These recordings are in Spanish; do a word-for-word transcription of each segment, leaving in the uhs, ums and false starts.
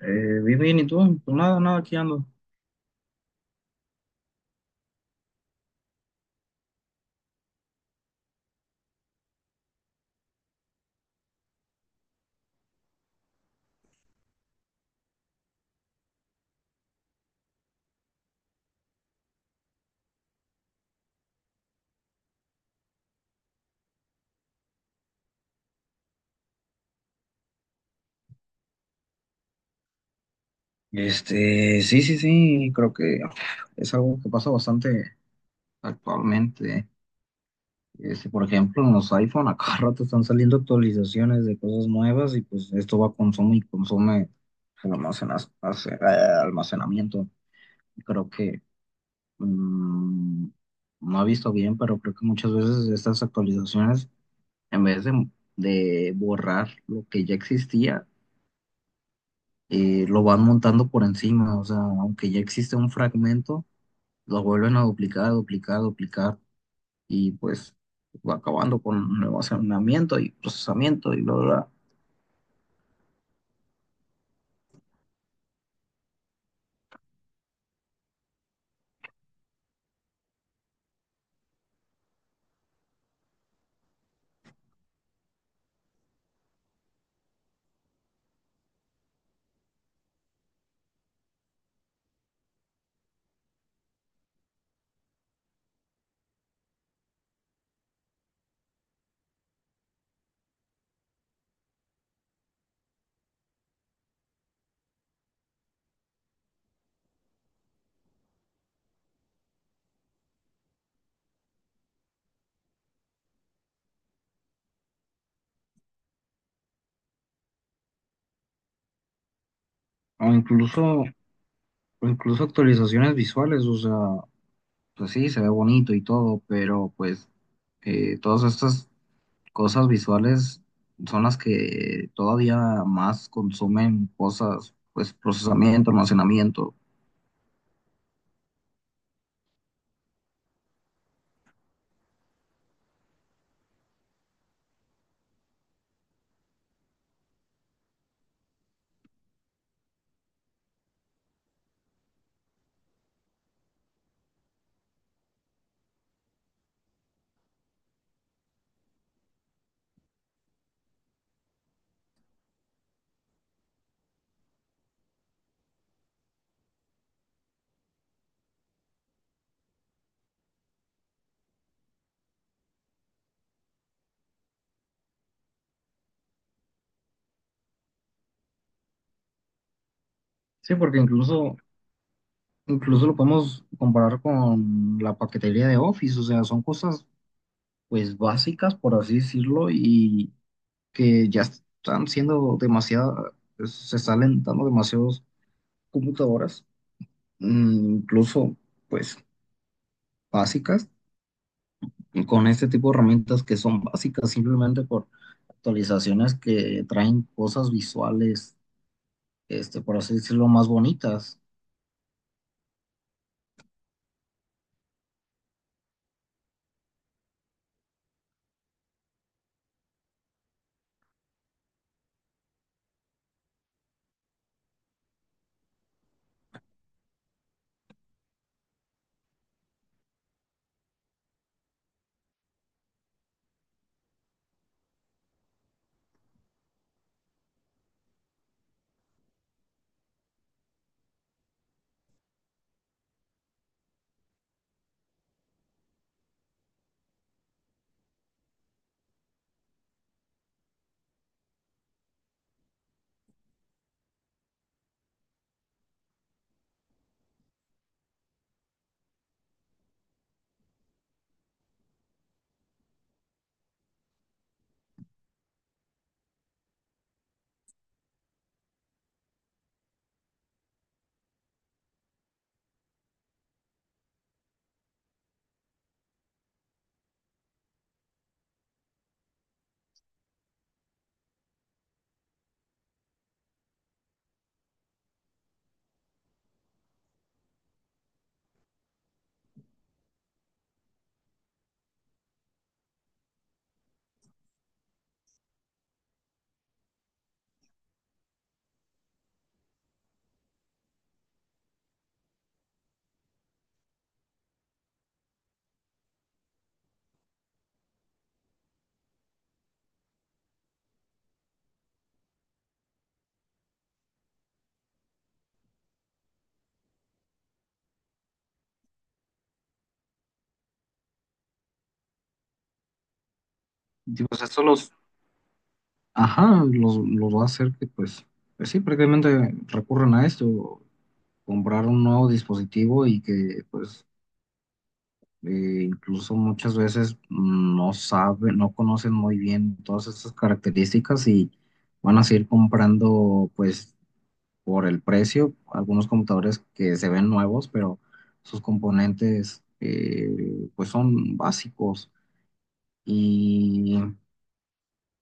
Eh, bien, bien, ¿y tú? Pues nada, nada, aquí ando. Este, sí, sí, sí, creo que es algo que pasa bastante actualmente. Este, por ejemplo, en los iPhone a cada rato están saliendo actualizaciones de cosas nuevas y pues esto va a consume y consume el almacenas- hace- eh, almacenamiento. Creo que mm, no he visto bien, pero creo que muchas veces estas actualizaciones, en vez de, de borrar lo que ya existía, eh, lo van montando por encima, o sea, aunque ya existe un fragmento, lo vuelven a duplicar, duplicar, duplicar, y pues va acabando con nuevo almacenamiento y procesamiento y bla, bla, bla. O incluso, o incluso actualizaciones visuales, o sea, pues sí, se ve bonito y todo, pero pues eh, todas estas cosas visuales son las que todavía más consumen cosas, pues procesamiento, almacenamiento. Sí, porque incluso incluso lo podemos comparar con la paquetería de Office, o sea, son cosas pues básicas, por así decirlo, y que ya están siendo demasiado, se están alentando demasiadas computadoras, mm, incluso pues básicas, y con este tipo de herramientas que son básicas simplemente por actualizaciones que traen cosas visuales, este, por así decirlo, más bonitas. Digo, o sea, esto lo ajá, los, los va a hacer que pues, pues sí, prácticamente recurren a esto, comprar un nuevo dispositivo y que pues eh, incluso muchas veces no saben, no conocen muy bien todas estas características y van a seguir comprando pues por el precio algunos computadores que se ven nuevos, pero sus componentes eh, pues son básicos y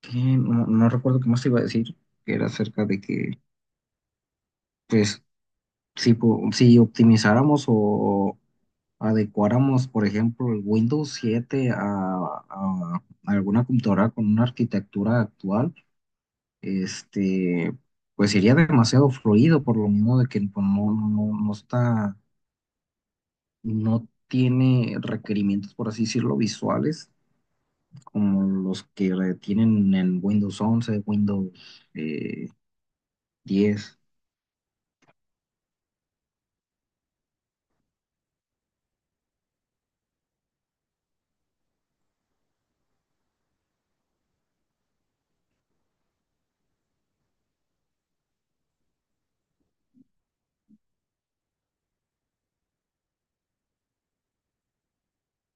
que no, no recuerdo qué más te iba a decir, que era acerca de que pues si, po- si optimizáramos o adecuáramos, por ejemplo, el Windows siete a, a alguna computadora con una arquitectura actual, este, pues sería demasiado fluido por lo mismo de que pues, no, no, no no está, no tiene requerimientos, por así decirlo, visuales como los que tienen en Windows once Windows eh, diez.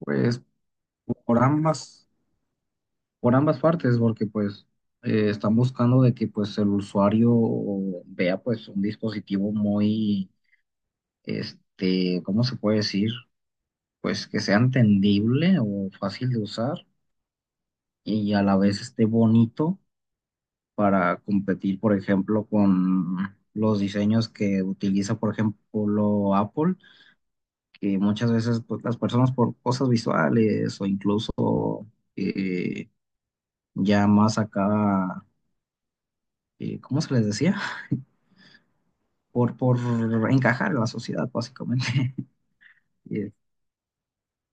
Pues por ambas. Por ambas partes, porque pues eh, están buscando de que pues el usuario vea pues un dispositivo muy, este, ¿cómo se puede decir? Pues que sea entendible o fácil de usar y a la vez esté bonito para competir, por ejemplo, con los diseños que utiliza, por ejemplo, Apple, que muchas veces pues, las personas por cosas visuales o incluso eh, ya más acá, eh, ¿cómo se les decía? por, por encajar en la sociedad, básicamente. Y,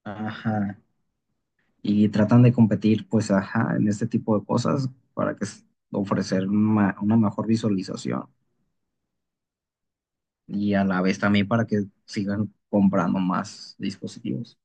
ajá, y tratan de competir, pues, ajá, en este tipo de cosas para que s- ofrecer ma- una mejor visualización y a la vez también para que sigan comprando más dispositivos.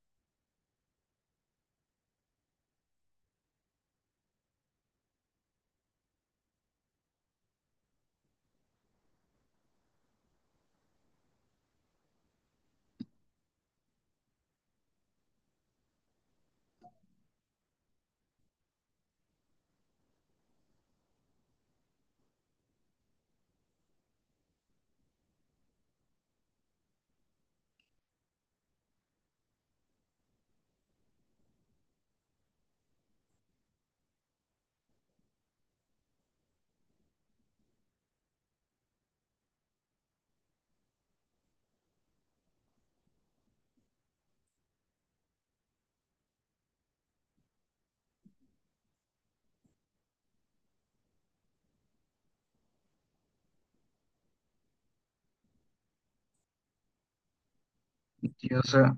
Sí, o sea,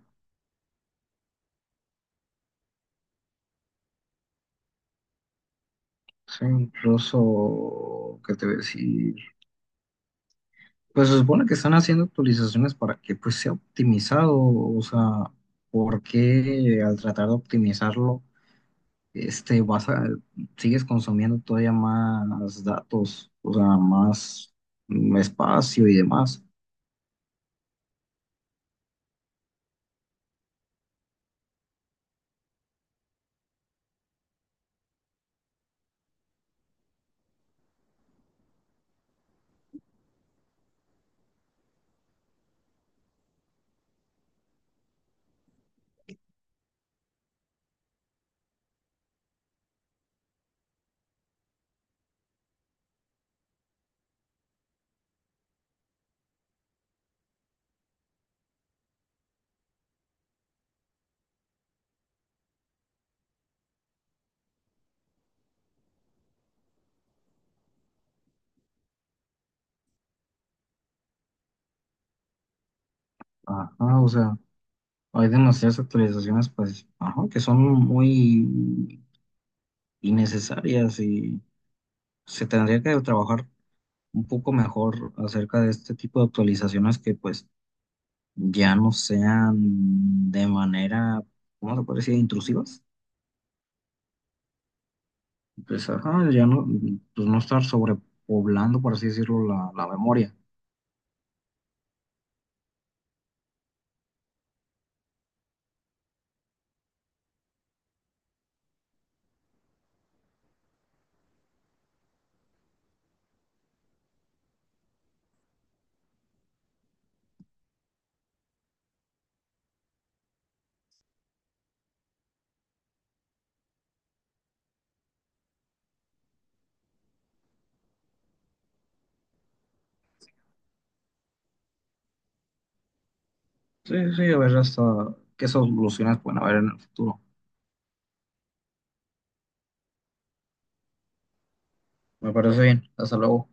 sí, incluso, ¿qué te voy a decir? Pues se supone que están haciendo actualizaciones para que pues sea optimizado, o sea, ¿por qué al tratar de optimizarlo este, vas a, sigues consumiendo todavía más datos, o sea, más mm, espacio y demás. Ajá, o sea, hay demasiadas actualizaciones, pues, ajá, que son muy innecesarias y se tendría que trabajar un poco mejor acerca de este tipo de actualizaciones que, pues, ya no sean de manera, ¿cómo se puede decir?, intrusivas. Pues, ajá, ya no, pues no estar sobrepoblando, por así decirlo, la la memoria. Sí, sí, a ver hasta qué soluciones pueden haber en el futuro. Me parece bien. Hasta luego.